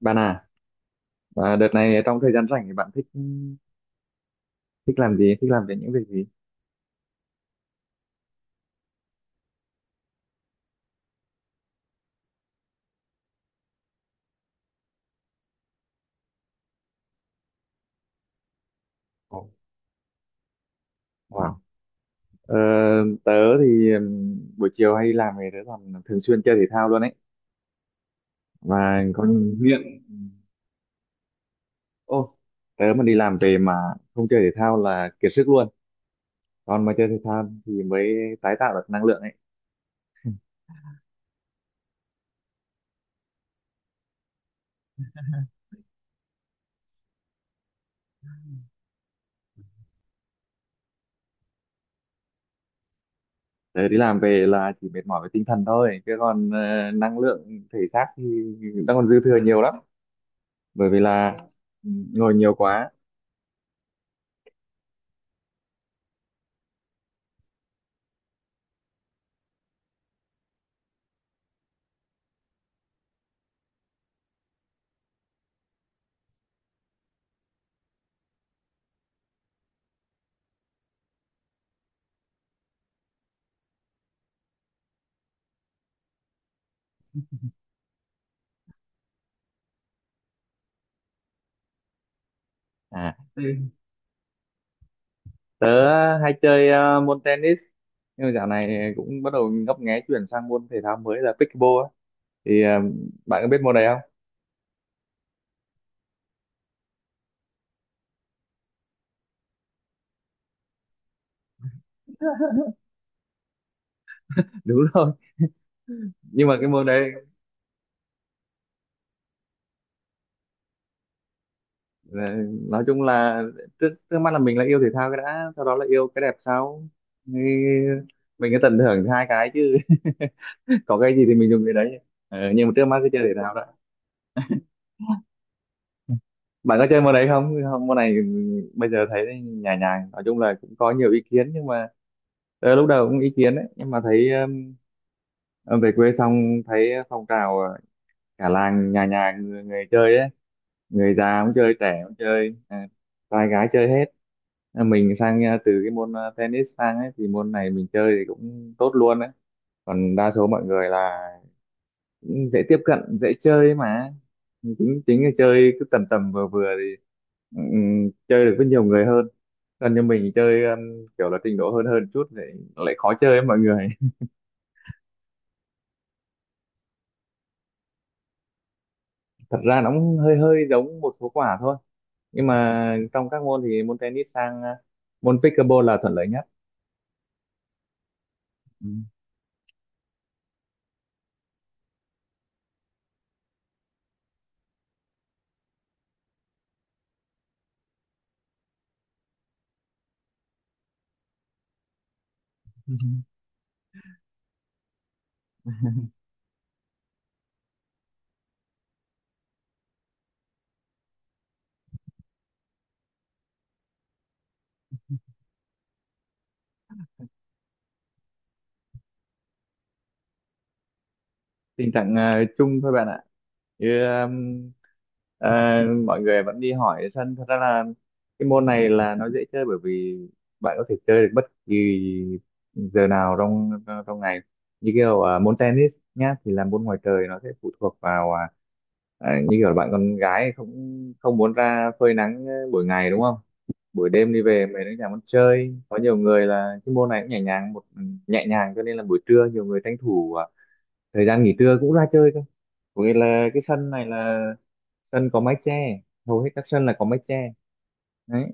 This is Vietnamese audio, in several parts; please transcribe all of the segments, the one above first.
Bạn à, đợt này trong thời gian rảnh thì bạn thích thích làm gì, thích làm về những việc gì? Ồ, wow. Ờ, Tớ thì buổi chiều hay làm thì tớ còn thường xuyên chơi thể thao luôn ấy. Và có nghiện. Ô, tớ mà đi làm về mà không chơi thể thao là kiệt sức luôn. Còn mà chơi thể thao thì mới tái tạo được năng lượng ấy. Tớ đi làm về là chỉ mệt mỏi về tinh thần thôi, chứ còn năng lượng thể xác thì đang còn dư thừa nhiều lắm. Bởi vì là ngồi nhiều quá. À, tớ hay chơi môn tennis nhưng mà dạo này cũng bắt đầu ngấp nghé chuyển sang môn thể thao mới là pickleball á. thì ờ, bạn có biết môn này không? Đúng rồi, nhưng mà cái môn đấy, ờ, nói chung là trước trước mắt là mình là yêu thể thao cái đã, sau đó là yêu cái đẹp, sau thì mình cứ tận hưởng hai cái chứ, có cái gì thì mình dùng cái đấy. Ờ, nhưng mà trước mắt cứ chơi thể thao đã. Bạn có chơi môn đấy không? Môn này bây giờ thấy nhàn nhàn, nói chung là cũng có nhiều ý kiến nhưng mà lúc đầu cũng ý kiến đấy nhưng mà thấy ờ, về quê xong thấy phong trào, cả làng nhà nhà người chơi ấy, người già cũng chơi, trẻ cũng chơi, trai gái chơi hết. À, mình sang từ cái môn tennis sang ấy thì môn này mình chơi thì cũng tốt luôn ấy, còn đa số mọi người là cũng dễ tiếp cận dễ chơi mà, chính chính là chơi cứ tầm tầm vừa vừa thì chơi được với nhiều người hơn, còn như mình chơi kiểu là trình độ hơn hơn chút thì lại khó chơi với mọi người. Thật ra nó cũng hơi hơi giống một số quả thôi, nhưng mà trong các môn thì môn tennis sang môn pickleball là thuận lợi nhất. Ừ. Tình trạng chung thôi bạn ạ. như um, ờ, Mọi người vẫn đi hỏi sân. Thật ra là cái môn này là nó dễ chơi, bởi vì bạn có thể chơi được bất kỳ giờ nào trong trong ngày. Như kiểu môn tennis nhá thì là môn ngoài trời, nó sẽ phụ thuộc vào như kiểu là bạn con gái không không muốn ra phơi nắng buổi ngày đúng không, buổi đêm đi về mình cũng chẳng muốn chơi, có nhiều người là cái môn này cũng nhẹ nhàng, nhẹ nhàng, cho nên là buổi trưa nhiều người tranh thủ thời gian nghỉ trưa cũng ra chơi thôi. Có nghĩa là cái sân này là sân có mái che, hầu hết các sân là có mái che đấy.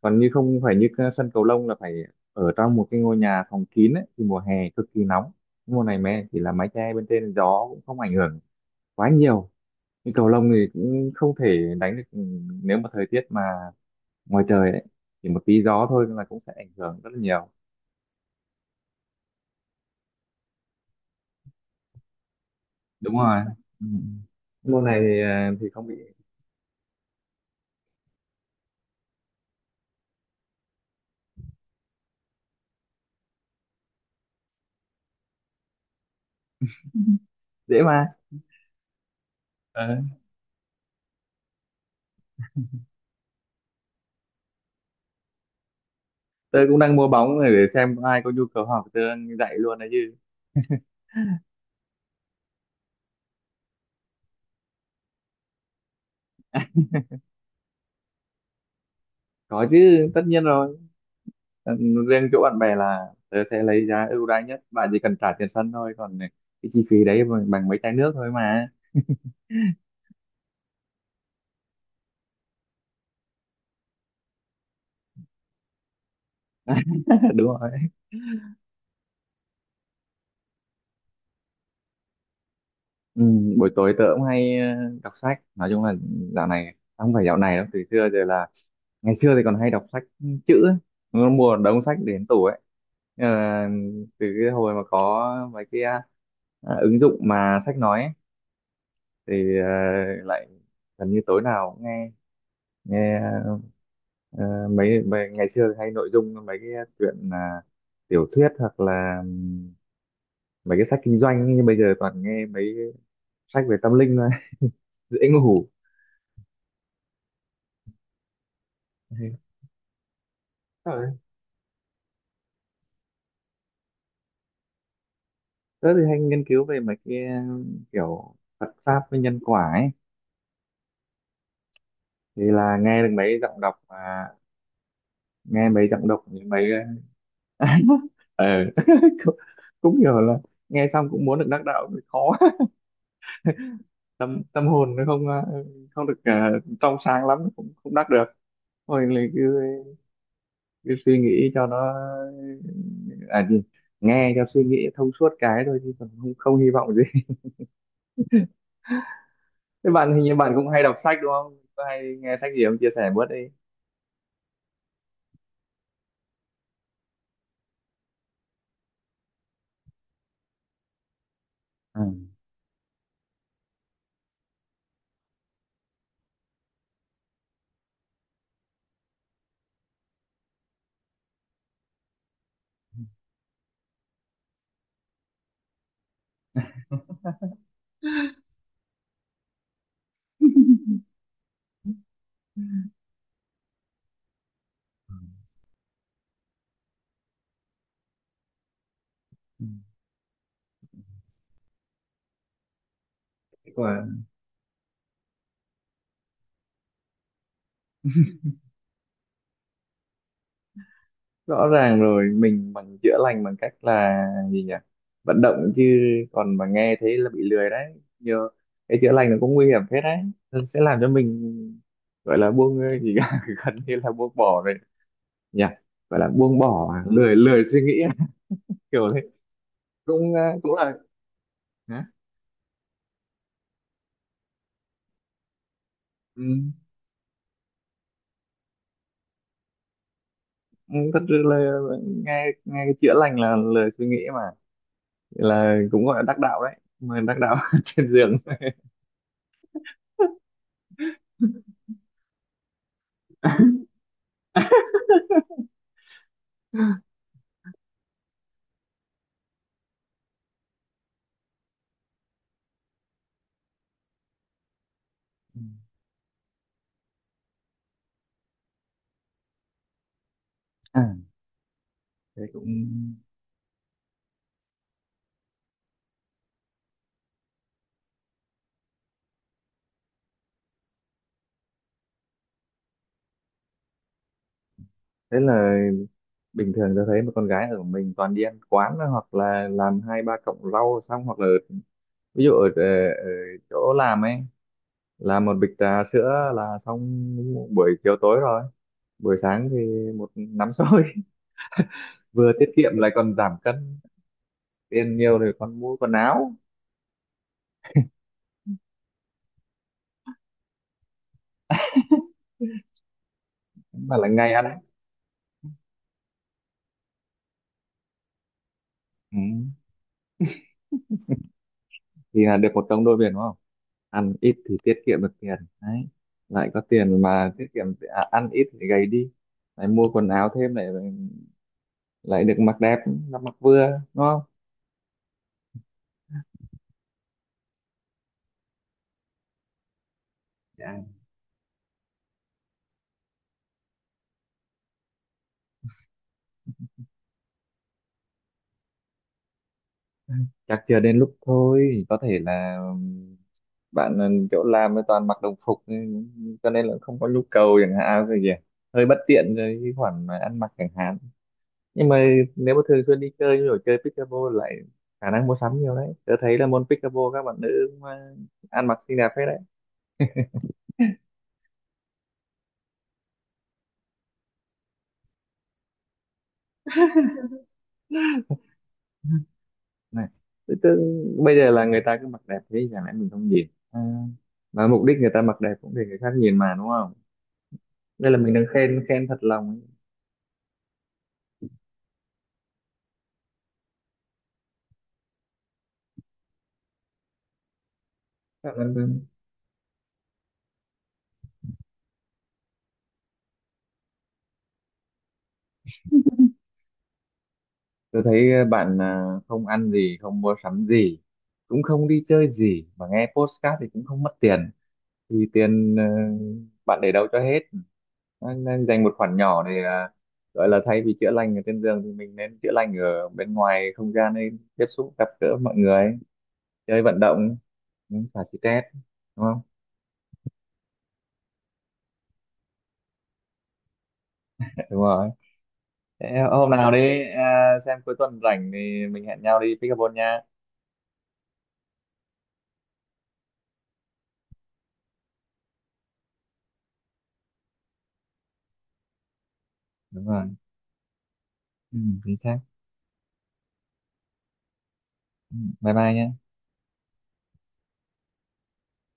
Còn như không phải như cái sân cầu lông là phải ở trong một cái ngôi nhà phòng kín ấy, thì mùa hè cực kỳ nóng. Mùa này mẹ chỉ là mái che bên trên, gió cũng không ảnh hưởng quá nhiều. Nhưng cầu lông thì cũng không thể đánh được, nếu mà thời tiết mà ngoài trời ấy, chỉ một tí gió thôi là cũng sẽ ảnh hưởng rất là nhiều. Đúng rồi. Ừ. Môn này thì thì không bị. Dễ mà. Tớ cũng đang mua bóng này để xem có ai có nhu cầu học tớ dạy luôn đấy chứ. Có chứ, tất nhiên rồi. Ừ, riêng chỗ bạn bè là tớ sẽ lấy giá ưu đãi nhất, bạn chỉ cần trả tiền sân thôi, còn cái chi phí đấy bằng mấy chai nước thôi mà. Đúng rồi. Ừ, buổi tối tớ cũng hay đọc sách. Nói chung là dạo này, không phải dạo này đâu, từ xưa giờ là ngày xưa thì còn hay đọc sách chữ ấy, nó mua một đống sách đến tủ ấy. Ờ, từ cái hồi mà có mấy cái ứng dụng mà sách nói ấy, thì lại gần như tối nào cũng nghe nghe mấy ngày xưa hay nội dung mấy cái chuyện là tiểu thuyết, hoặc là mấy cái sách kinh doanh ấy, nhưng bây giờ toàn nghe mấy cái sách về tâm linh thôi. Dễ ngủ. Thế rồi, tớ thì hay nghiên cứu về mấy cái kiểu Phật pháp với nhân quả ấy, thì là nghe được mấy giọng đọc nghe mấy giọng đọc những mấy ờ cũng, cũng hiểu là nghe xong cũng muốn được đắc đạo thì khó. Tâm Tâm hồn nó không không được trong sáng lắm cũng không đắc được. Thôi lại cứ suy nghĩ cho nó à gì nghe cho suy nghĩ thông suốt cái thôi, chứ còn không không hy vọng gì. Thế bạn, hình như bạn cũng hay đọc sách đúng không, có hay nghe sách gì không, chia sẻ bớt đi. Ừ. Ừ. Ừ. Wow. Rõ ràng rồi, mình bằng chữa lành bằng cách là gì nhỉ, vận động chứ. Còn mà nghe thấy là bị lười đấy nhờ. Cái chữa lành nó cũng nguy hiểm phết đấy, nó sẽ làm cho mình gọi là buông gì cả, gần như là buông bỏ rồi nhỉ. Gọi là buông bỏ à? Lười, lười suy nghĩ à? Kiểu đấy cũng cũng là hả? Ừ. Ừ, thật sự là nghe nghe cái chữa lành là lười suy nghĩ mà, là cũng gọi là đắc đạo đấy, mà đắc đạo trên giường. Ừ. À, thế cũng, thế là bình thường tôi thấy một con gái ở mình toàn đi ăn quán thôi, hoặc là làm hai ba cọng rau xong, hoặc là ví dụ ở chỗ làm ấy làm một bịch trà sữa là xong buổi chiều tối rồi, buổi sáng thì một nắm xôi. Vừa tiết kiệm lại còn giảm cân, tiền nhiều thì còn mua quần áo, mà là ngày ăn ấy. Ừ. Thì là được một công đôi biển đúng không, ăn ít thì tiết kiệm được tiền đấy, lại có tiền mà tiết kiệm, ăn ít thì gầy đi, lại mua quần áo thêm, lại lại được mặc đẹp, mặc mặc vừa, đúng không? Dạ, chắc chưa đến lúc thôi, có thể là bạn chỗ làm thì toàn mặc đồng phục nên- cho nên là không có nhu cầu chẳng hạn, cái gì hơi bất tiện rồi cái khoản mà ăn mặc chẳng hạn. Nhưng mà nếu mà thường xuyên đi chơi như kiểu chơi pickleball, lại khả năng mua sắm nhiều đấy. Tớ thấy là môn pickleball các bạn nữ cũng ăn mặc xinh đẹp hết đấy. Này, tự dưng bây giờ là người ta cứ mặc đẹp thế, chẳng lẽ mình không nhìn à, mà mục đích người ta mặc đẹp cũng để người khác nhìn mà, đúng không? Đây là mình đang khen, khen thật lòng. Cảm ơn em. Tôi thấy bạn à, không ăn gì, không mua sắm gì, cũng không đi chơi gì mà nghe podcast thì cũng không mất tiền. Thì tiền bạn để đâu cho hết. Nên dành một khoản nhỏ để gọi là thay vì chữa lành ở trên giường thì mình nên chữa lành ở bên ngoài không gian, nên tiếp xúc gặp gỡ mọi người, chơi vận động, ừ, xả stress, đúng không? Dạ, đúng rồi. Thế hôm nào đi xem cuối tuần rảnh thì mình hẹn nhau đi pickleball nha. Đúng rồi. Ừ, chính xác. Bye bye nhé.